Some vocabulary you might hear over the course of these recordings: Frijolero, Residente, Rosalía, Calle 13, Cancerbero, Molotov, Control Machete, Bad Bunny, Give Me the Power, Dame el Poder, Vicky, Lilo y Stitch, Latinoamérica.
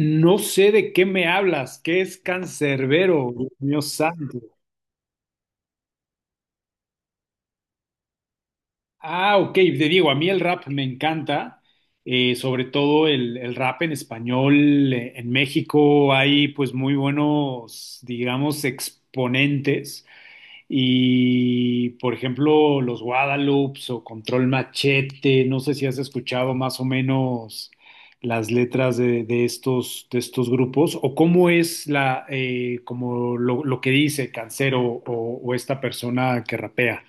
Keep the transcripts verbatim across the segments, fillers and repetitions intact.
No sé de qué me hablas, qué es Cancerbero, Dios mío santo. Ah, ok, te digo, a mí el rap me encanta, eh, sobre todo el, el rap en español. eh, En México hay pues muy buenos, digamos, exponentes. Y, por ejemplo, los Guadalupes o Control Machete, no sé si has escuchado más o menos las letras de, de estos, de estos grupos o cómo es la, eh, como lo, lo que dice Cancero o, o esta persona que rapea.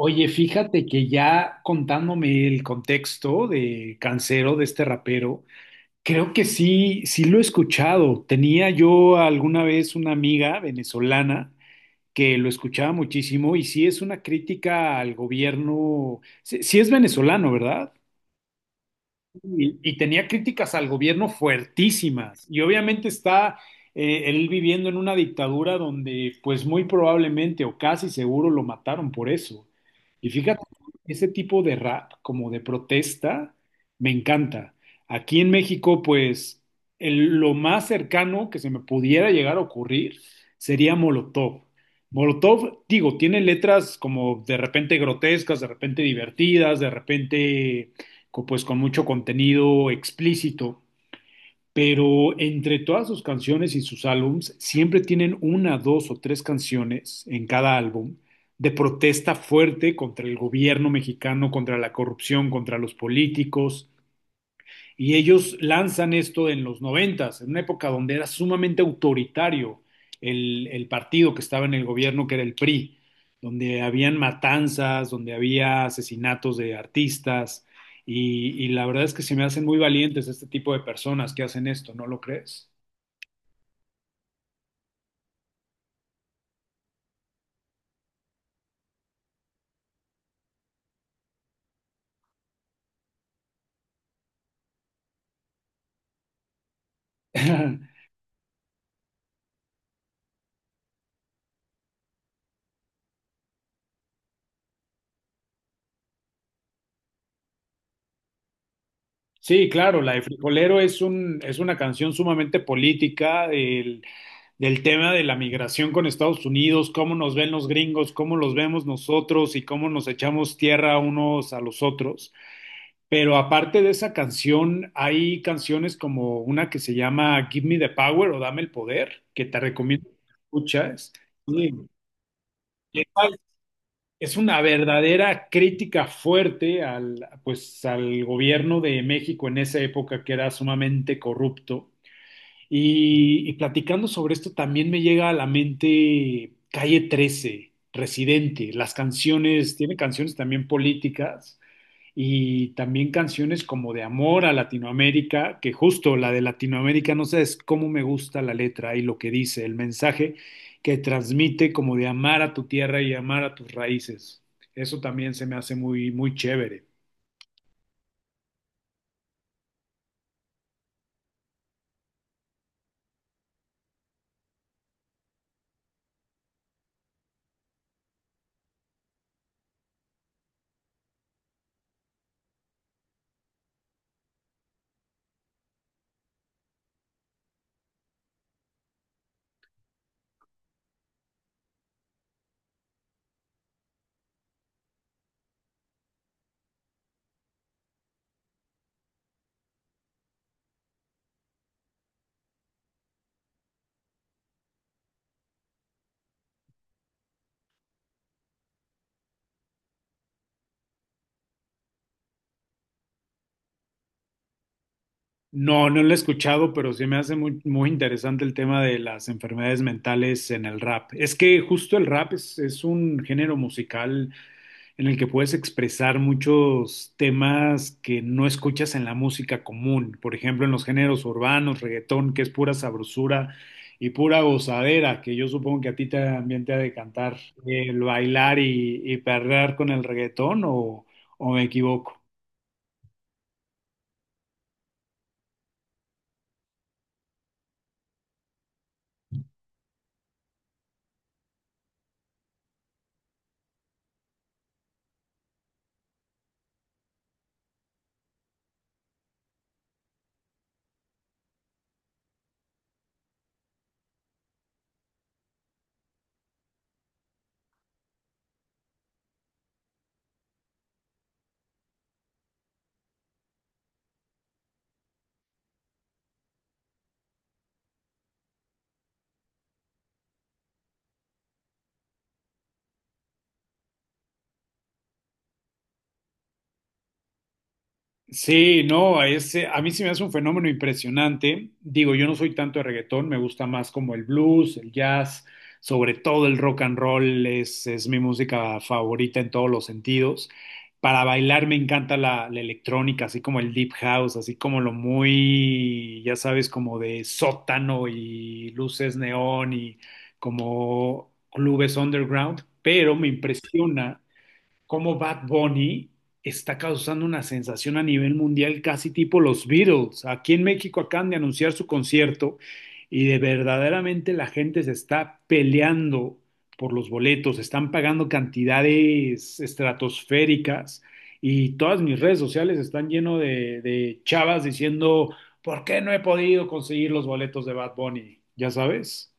Oye, fíjate que ya contándome el contexto de Cancero, de este rapero, creo que sí, sí lo he escuchado. Tenía yo alguna vez una amiga venezolana que lo escuchaba muchísimo y sí es una crítica al gobierno, sí, sí es venezolano, ¿verdad? Y, y tenía críticas al gobierno fuertísimas. Y obviamente está eh, él viviendo en una dictadura donde pues muy probablemente o casi seguro lo mataron por eso. Y fíjate, ese tipo de rap como de protesta me encanta. Aquí en México pues el- lo más cercano que se me pudiera llegar a ocurrir sería Molotov. Molotov, digo, tiene letras como de repente grotescas, de repente divertidas, de repente co- pues con mucho contenido explícito, pero entre todas sus canciones y sus álbums siempre tienen una, dos o tres canciones en cada álbum de protesta fuerte contra el gobierno mexicano, contra la corrupción, contra los políticos. Y ellos lanzan esto en los noventas, en una época donde era sumamente autoritario el, el partido que estaba en el gobierno, que era el pri, donde habían matanzas, donde había asesinatos de artistas, y, y la verdad es que se me hacen muy valientes este tipo de personas que hacen esto, ¿no lo crees? Sí, claro, la de Frijolero es un, es una canción sumamente política, el- del tema de la migración con Estados Unidos, cómo nos ven los gringos, cómo los vemos nosotros y cómo nos echamos tierra unos a los otros. Pero aparte de esa canción, hay canciones como una que se llama Give Me the Power o Dame el Poder, que te recomiendo que escuchas. Y esa es una verdadera crítica fuerte al, pues, al gobierno de México en esa época que era sumamente corrupto, y, y platicando sobre esto, también me llega a la mente Calle trece, Residente, las canciones, tiene canciones también políticas y también canciones como de amor a Latinoamérica, que justo la de Latinoamérica, no sabes cómo me gusta la letra y lo que dice, el mensaje que transmite como de amar a tu tierra y amar a tus raíces. Eso también se me hace muy, muy chévere. No, no lo he escuchado, pero sí me hace muy, muy interesante el tema de las enfermedades mentales en el rap. Es que justo el rap es, es un género musical en el que puedes expresar muchos temas que no escuchas en la música común. Por ejemplo, en los géneros urbanos, reggaetón, que es pura sabrosura y pura gozadera, que yo supongo que a ti también te ha de cantar el bailar y, y perrear con el reggaetón, o, o me equivoco. Sí, no, es, eh, a mí sí me hace un fenómeno impresionante. Digo, yo no soy tanto de reggaetón, me gusta más como el blues, el jazz, sobre todo el rock and roll es, es mi música favorita en todos los sentidos. Para bailar me encanta la, la electrónica, así como el deep house, así como lo muy, ya sabes, como de sótano y luces neón y como clubes underground, pero me impresiona cómo Bad Bunny está causando una sensación a nivel mundial casi tipo los Beatles. Aquí en México acaban de anunciar su concierto y de verdaderamente la gente se está peleando por los boletos, están pagando cantidades estratosféricas y todas mis redes sociales están lleno de, de chavas diciendo, ¿por qué no he podido conseguir los boletos de Bad Bunny? Ya sabes.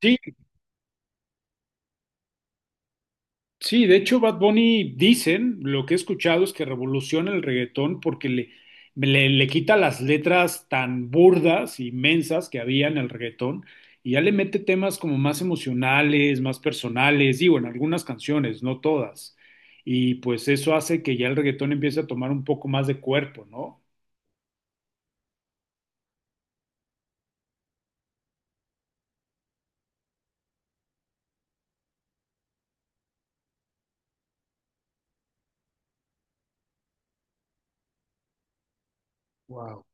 Sí, Sí, de hecho, Bad Bunny dicen, lo que he escuchado es que revoluciona el reggaetón porque le, le, le quita las letras tan burdas, y mensas que había en el reggaetón y ya le mete temas como más emocionales, más personales, digo, en algunas canciones, no todas. Y pues eso hace que ya el reggaetón empiece a tomar un poco más de cuerpo, ¿no? Wow.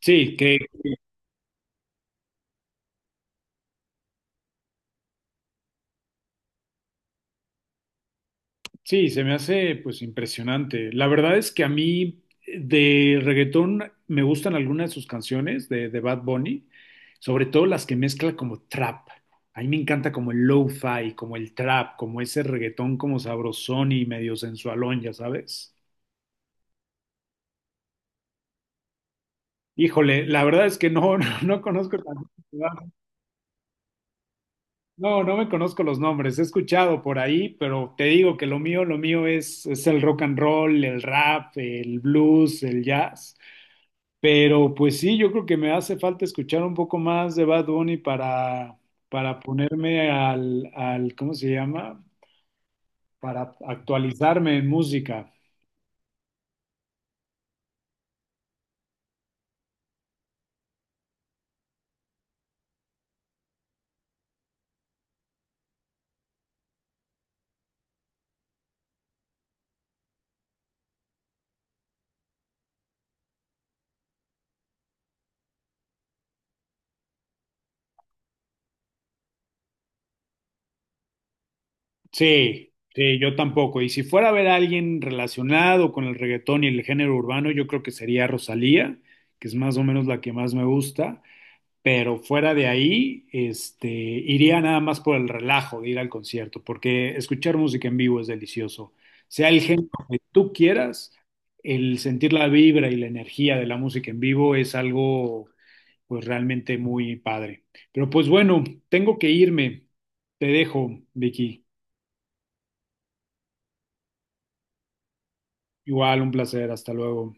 Sí, que, Sí, se me hace pues impresionante. La verdad es que a mí eh, de reggaetón me gustan algunas de sus canciones de, de Bad Bunny, sobre todo las que mezcla como trap. A mí me encanta como el lo-fi, como el trap, como ese reggaetón como sabrosón y medio sensualón, ya sabes. Híjole, la verdad es que no, no, no conozco tan- no, no me conozco los nombres. He escuchado por ahí, pero te digo que lo mío, lo mío es, es el rock and roll, el rap, el blues, el jazz. Pero pues sí, yo creo que me hace falta escuchar un poco más de Bad Bunny para, para ponerme al, al, ¿cómo se llama? Para actualizarme en música. Sí, sí, yo tampoco. Y si fuera a ver a alguien relacionado con el reggaetón y el género urbano, yo creo que sería Rosalía, que es más o menos la que más me gusta. Pero fuera de ahí, este, iría nada más por el relajo de ir al concierto, porque escuchar música en vivo es delicioso. Sea el género que tú quieras, el sentir la vibra y la energía de la música en vivo es algo, pues realmente muy padre. Pero pues bueno, tengo que irme. Te dejo, Vicky. Igual, un placer. Hasta luego.